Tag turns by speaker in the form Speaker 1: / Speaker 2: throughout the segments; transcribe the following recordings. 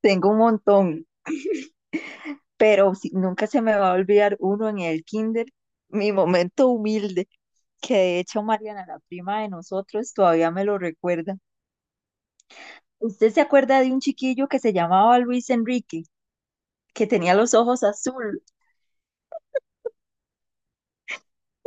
Speaker 1: Tengo un montón, pero nunca se me va a olvidar uno en el kinder, mi momento humilde, que de hecho Mariana, la prima de nosotros, todavía me lo recuerda. ¿Usted se acuerda de un chiquillo que se llamaba Luis Enrique, que tenía los ojos azul?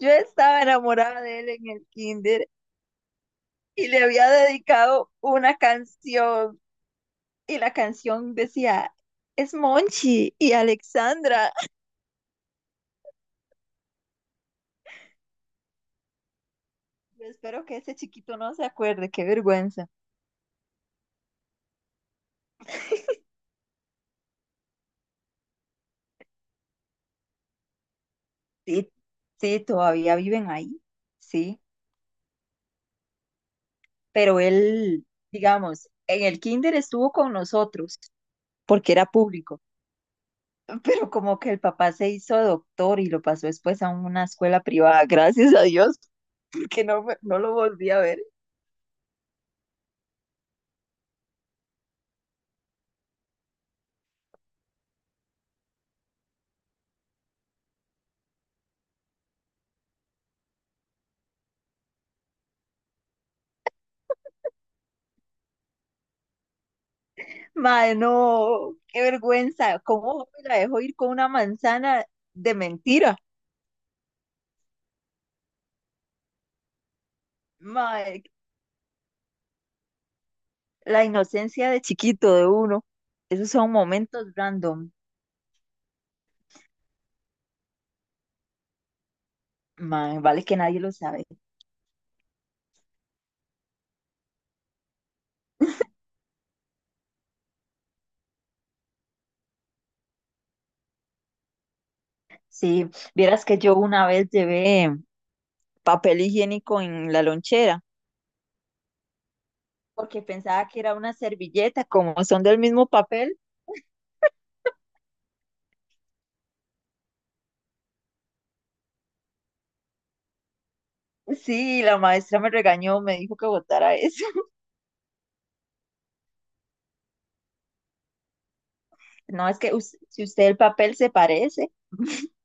Speaker 1: Yo estaba enamorada de él en el kinder y le había dedicado una canción y la canción decía, es Monchi y Alexandra. Yo espero que ese chiquito no se acuerde, qué vergüenza. Sí, sí, todavía viven ahí, sí, pero él, digamos, en el kinder estuvo con nosotros porque era público, pero como que el papá se hizo doctor y lo pasó después a una escuela privada, gracias a Dios, porque no, no lo volví a ver. Mae, no, qué vergüenza, ¿cómo me la dejó ir con una manzana de mentira? Mae, la inocencia de chiquito de uno, esos son momentos random, mae, vale que nadie lo sabe. Sí, vieras que yo una vez llevé papel higiénico en la lonchera porque pensaba que era una servilleta, como son del mismo papel. Sí, la maestra me regañó, me dijo que botara eso. No, es que si usted el papel se parece.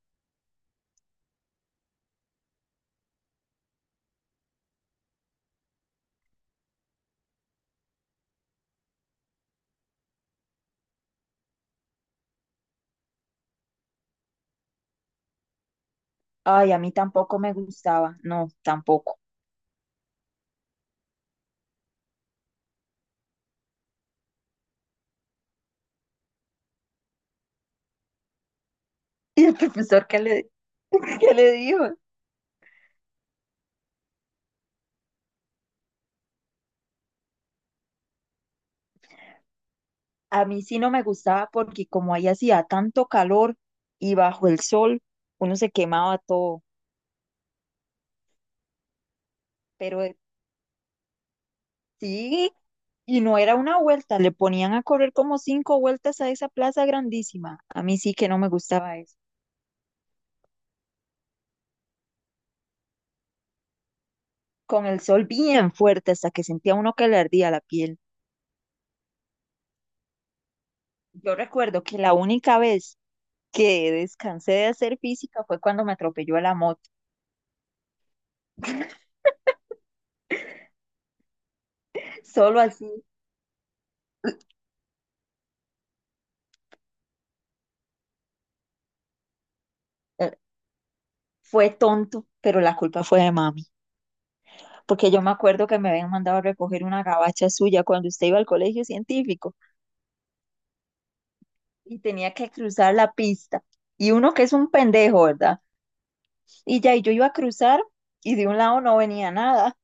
Speaker 1: Ay, a mí tampoco me gustaba. No, tampoco. ¿Y el profesor qué le, qué le dijo? A mí sí no me gustaba porque como ahí hacía tanto calor y bajo el sol, uno se quemaba todo. Pero sí, y no era una vuelta, le ponían a correr como cinco vueltas a esa plaza grandísima. A mí sí que no me gustaba eso. Con el sol bien fuerte hasta que sentía uno que le ardía la piel. Yo recuerdo que la única vez que descansé de hacer física fue cuando me atropelló la moto. Solo así. eh, Fue tonto, pero la culpa fue de mami, porque yo me acuerdo que me habían mandado a recoger una gabacha suya cuando usted iba al colegio científico y tenía que cruzar la pista. Y uno que es un pendejo, ¿verdad? Y ya, y yo iba a cruzar y de un lado no venía nada,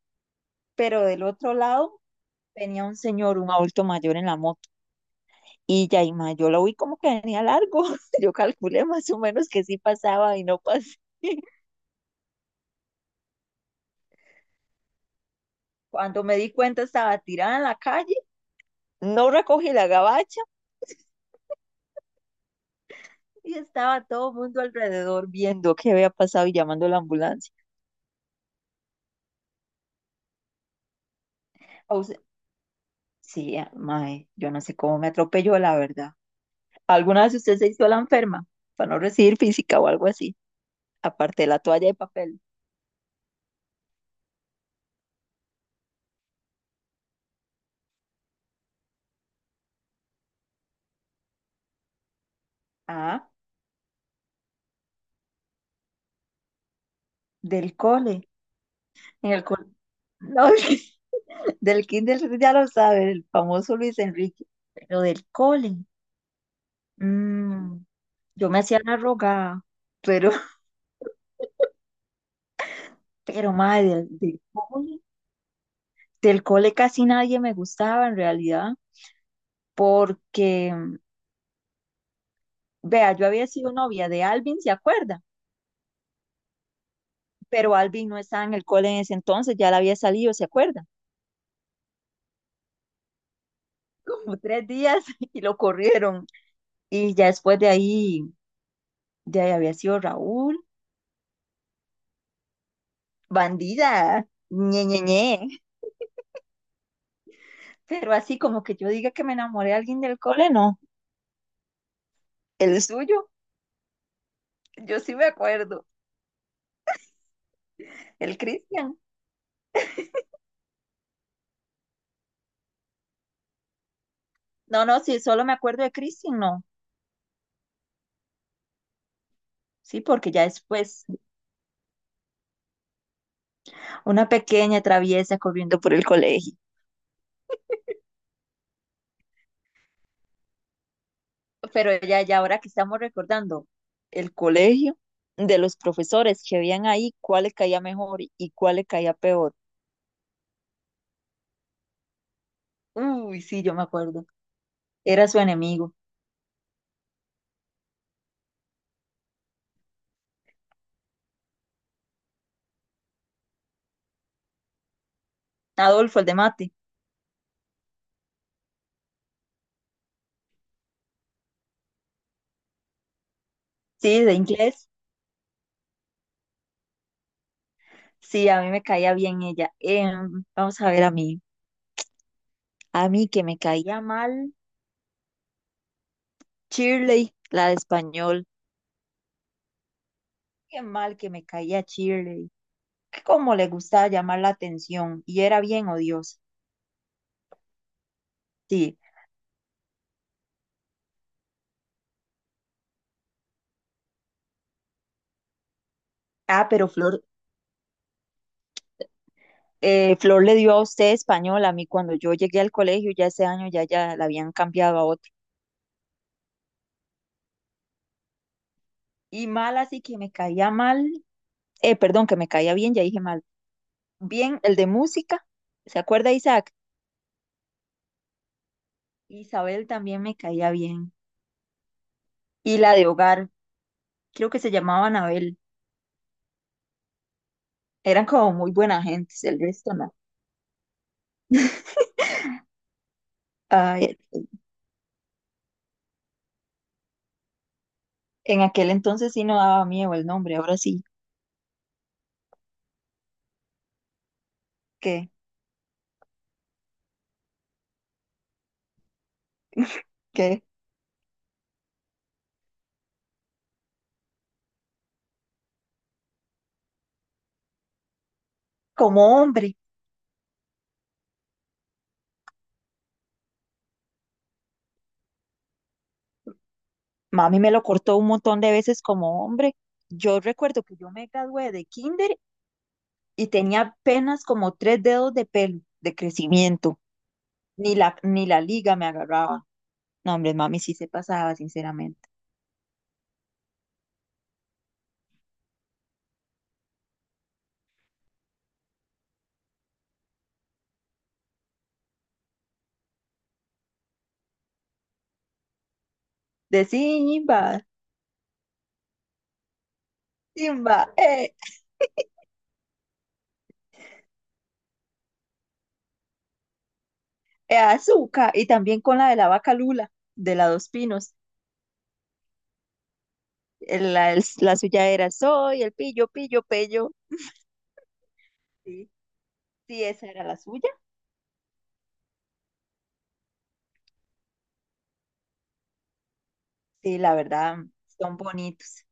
Speaker 1: pero del otro lado venía un señor, un adulto mayor en la moto. Y ya, y ma, yo lo vi como que venía largo. Yo calculé más o menos que sí pasaba y no pasé. Cuando me di cuenta estaba tirada en la calle, no recogí la gabacha y estaba todo el mundo alrededor viendo qué había pasado y llamando a la ambulancia. O sea, sí, ah, mae, yo no sé cómo me atropelló, la verdad. ¿Alguna vez usted se hizo la enferma para no recibir física o algo así? Aparte de la toalla de papel. Ah, del cole. En el col- No, del kinder ya lo sabe, el famoso Luis Enrique. Pero del cole. mm, yo me hacía la rogada, pero, pero madre, del cole. Del cole casi nadie me gustaba en realidad, porque, vea, yo había sido novia de Alvin, ¿se acuerda? Pero Alvin no estaba en el cole en ese entonces, ya la había salido, ¿se acuerda? Como tres días y lo corrieron. Y ya después de ahí ya había sido Raúl, bandida, ñe, ñe, ñe. Pero así como que yo diga que me enamoré de alguien del cole, no. El suyo, yo sí me acuerdo. El Cristian. No, no, sí, solo me acuerdo de Cristian, no. Sí, porque ya después, una pequeña traviesa corriendo por el colegio. Pero ya, ya ahora que estamos recordando el colegio, de los profesores que habían ahí, cuál le caía mejor y cuál le caía peor. Uy, sí, yo me acuerdo. Era su enemigo. Adolfo, el de mate. Sí, de inglés. Sí, a mí me caía bien ella. Vamos a ver a mí. A mí que me caía mal, Shirley, la de español. Qué mal que me caía Shirley. Cómo le gustaba llamar la atención y era bien odiosa. Sí. Ah, pero Flor, Flor le dio a usted español. A mí cuando yo llegué al colegio ya ese año ya, ya la habían cambiado a otro. Y mal así que me caía mal. Perdón, que me caía bien, ya dije mal. Bien, el de música. ¿Se acuerda, Isaac? Isabel también me caía bien. Y la de hogar, creo que se llamaba Anabel. Eran como muy buena gente, el resto no. Ay, en aquel entonces sí no daba miedo el nombre, ahora sí, que, que como hombre. Mami me lo cortó un montón de veces como hombre. Yo recuerdo que yo me gradué de kinder y tenía apenas como tres dedos de pelo de crecimiento. Ni la liga me agarraba. No, hombre, mami sí se pasaba, sinceramente. De Simba, Simba, ¡eh! Azúcar y también con la de la vaca Lula, de la Dos Pinos. La suya era soy el pillo, pillo, pello. Sí, sí, esa era la suya. Sí, la verdad, son bonitos.